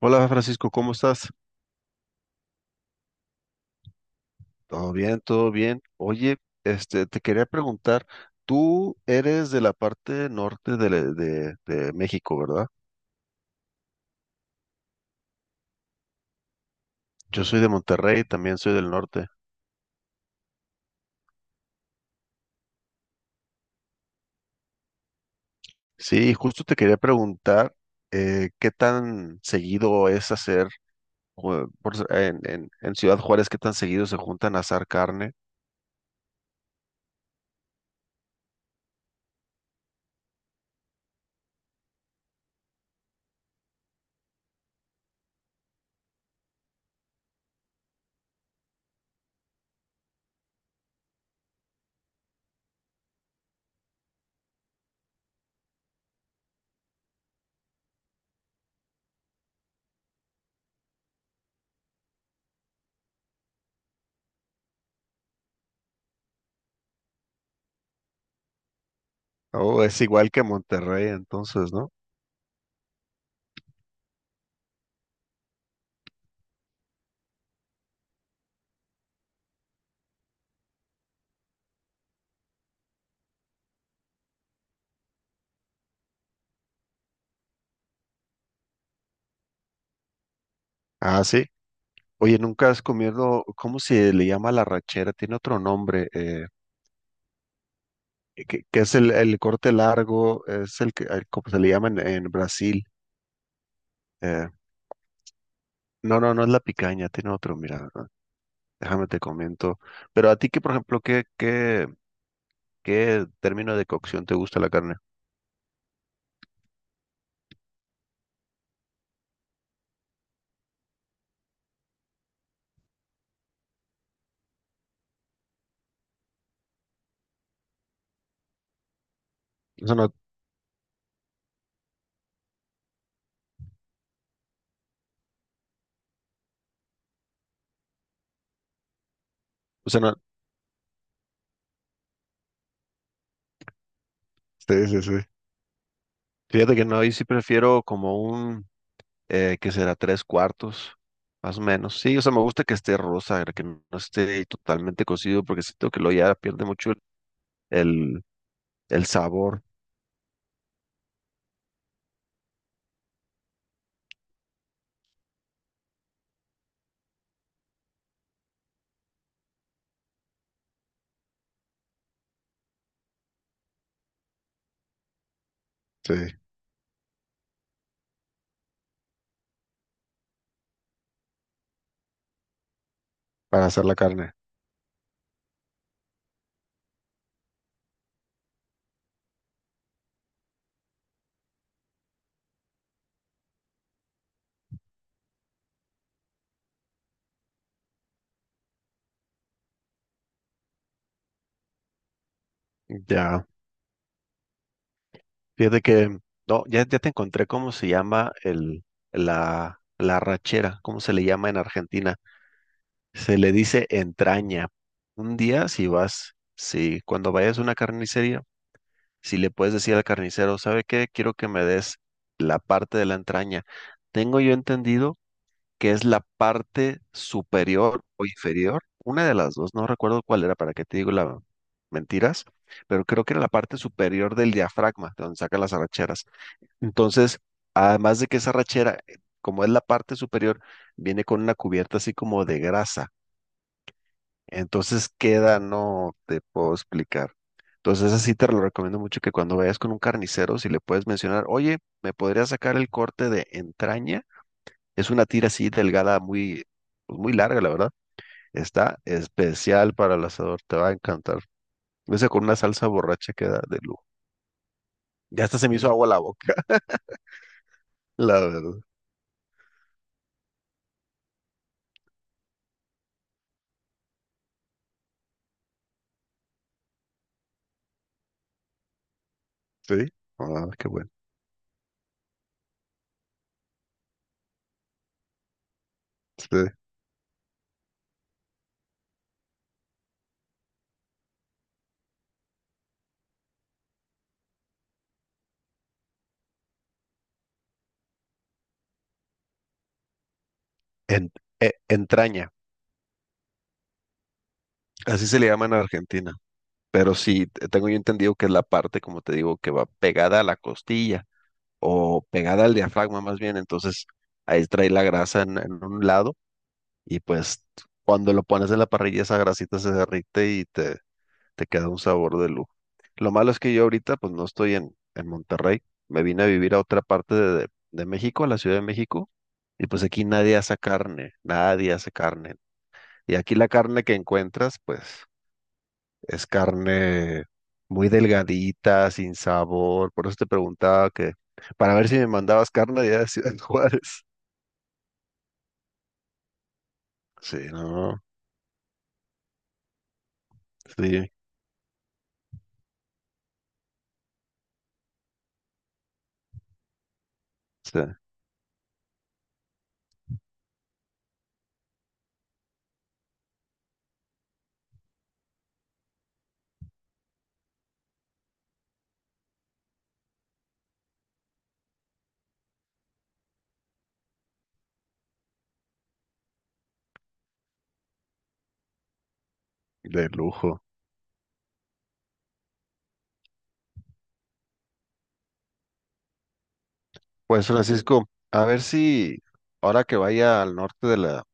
Hola Francisco, ¿cómo estás? Todo bien, todo bien. Oye, te quería preguntar, tú eres de la parte norte de México, ¿verdad? Yo soy de Monterrey, también soy del norte. Sí, justo te quería preguntar qué tan seguido es hacer, jue- por s- en Ciudad Juárez, qué tan seguido se juntan a asar carne. Oh, es igual que Monterrey, entonces, ¿no? Ah, sí. Oye, nunca has comido, ¿cómo se le llama la rachera? Tiene otro nombre. Que es el corte largo, es el que, como se le llama en Brasil. eh, no, no, no es la picaña, tiene otro, mira, ah, déjame te comento. Pero a ti, que por ejemplo, ¿ qué término de cocción te gusta la carne? O sea, no, o sea, no. Sí, sí, sí. Fíjate que no, ahí sí prefiero como un que será tres cuartos, más o menos. Sí, o sea, me gusta que esté rosa, que no esté totalmente cocido, porque siento que lo ya pierde mucho el, el sabor. Sí, para hacer la carne. Ya. Fíjate que, no, ya, ya te encontré cómo se llama la rachera, cómo se le llama en Argentina. Se le dice entraña. Un día, si vas, si cuando vayas a una carnicería, si le puedes decir al carnicero, ¿sabe qué? Quiero que me des la parte de la entraña. Tengo yo entendido que es la parte superior o inferior, una de las dos, no recuerdo cuál era, para qué te digo la mentiras, pero creo que era la parte superior del diafragma, de donde saca las arracheras. Entonces, además de que esa rachera, como es la parte superior, viene con una cubierta así como de grasa. Entonces queda, no te puedo explicar. Entonces, así te lo recomiendo mucho que cuando vayas con un carnicero, si le puedes mencionar, oye, ¿me podría sacar el corte de entraña? Es una tira así delgada, muy, pues, muy larga, la verdad. Está especial para el asador, te va a encantar. Ese con una salsa borracha queda de lujo. Ya hasta se me hizo agua la boca, la verdad. Sí. Ah, qué bueno. Sí. En- Entraña, así se le llama en Argentina, pero sí, tengo yo entendido que es la parte, como te digo, que va pegada a la costilla o pegada al diafragma más bien, entonces ahí trae la grasa en un lado y pues cuando lo pones en la parrilla esa grasita se derrite y te queda un sabor de lujo. Lo malo es que yo ahorita pues no estoy en Monterrey, me vine a vivir a otra parte de México, a la Ciudad de México, y pues aquí nadie hace carne, nadie hace carne. Y aquí la carne que encuentras, pues es carne muy delgadita, sin sabor. Por eso te preguntaba que, para ver si me mandabas carne de allá de Ciudad Juárez. Sí, no, sí, o de lujo. Pues Francisco, a ver si ahora que vaya al norte de la,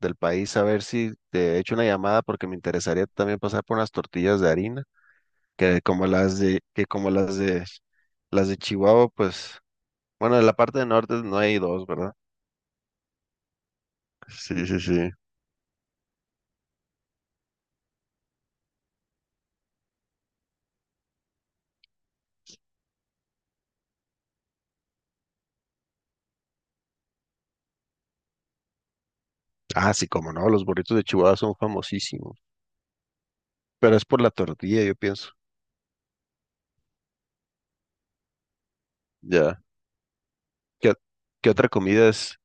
del país, a ver si te echo una llamada porque me interesaría también pasar por unas tortillas de harina, que como las de Chihuahua, pues, bueno, en la parte del norte no hay dos, ¿verdad? Sí, sí, sí. Ah, sí, como no, los burritos de Chihuahua son famosísimos. Pero es por la tortilla, yo pienso. Ya. ¿Qué, qué otra comida es?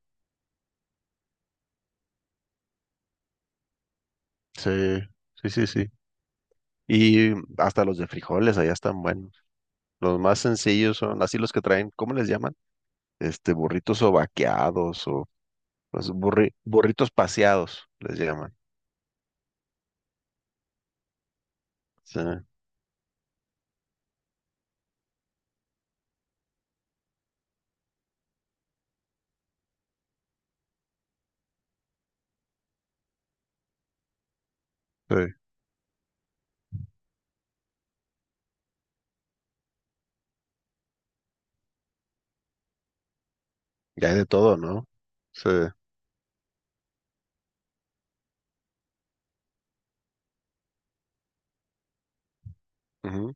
Sí, sí, sí, sí. Y hasta los de frijoles allá están buenos. Los más sencillos son así los que traen, ¿cómo les llaman? Este, burritos o vaqueados o burritos paseados, les llaman. Sí, sí. Y hay de todo, ¿no? Sí. Ujú.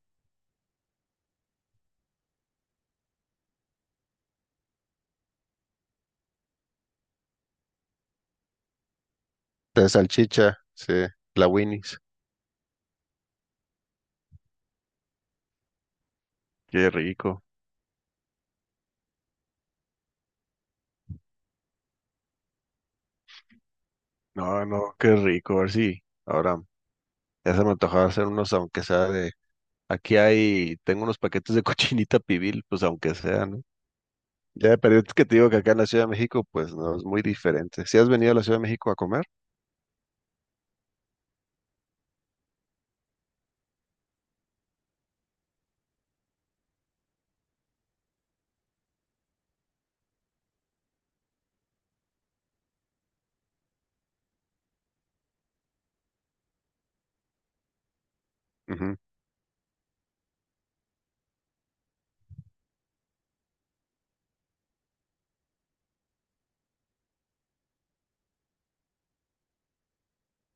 De salchicha, sí. La Winnie's. Qué rico. No, no, qué rico. A ver si ahora ya se me antojaba hacer unos, aunque sea de... Aquí hay, tengo unos paquetes de cochinita pibil, pues aunque sea, ¿no? Ya, pero es que te digo que acá en la Ciudad de México, pues no, es muy diferente. ¿Si has venido a la Ciudad de México a comer? Ujú.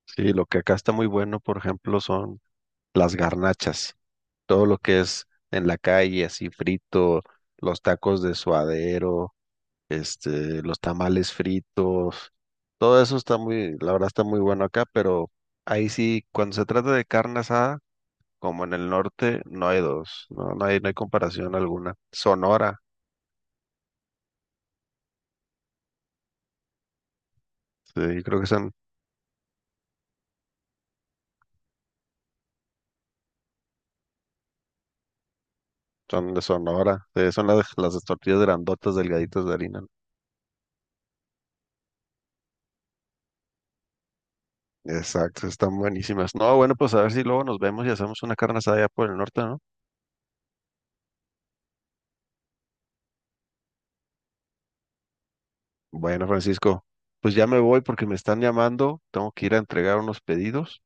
Sí, lo que acá está muy bueno, por ejemplo, son las garnachas. Todo lo que es en la calle, así frito, los tacos de suadero, este, los tamales fritos. Todo eso está muy, la verdad está muy bueno acá, pero ahí sí, cuando se trata de carne asada, como en el norte, no hay dos, no, no hay, no hay comparación alguna. Sonora, sí, creo que son, son de Sonora, sí, son las tortillas grandotas, delgaditas de harina. Exacto, están buenísimas. No, bueno, pues a ver si luego nos vemos y hacemos una carne asada allá por el norte, ¿no? Bueno, Francisco, pues ya me voy porque me están llamando, tengo que ir a entregar unos pedidos,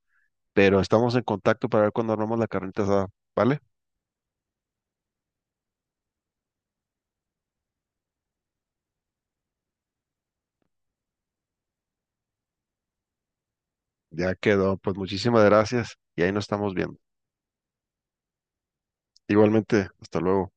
pero estamos en contacto para ver cuándo armamos la carnita asada, ¿vale? Ya quedó, pues muchísimas gracias y ahí nos estamos viendo. Igualmente, hasta luego.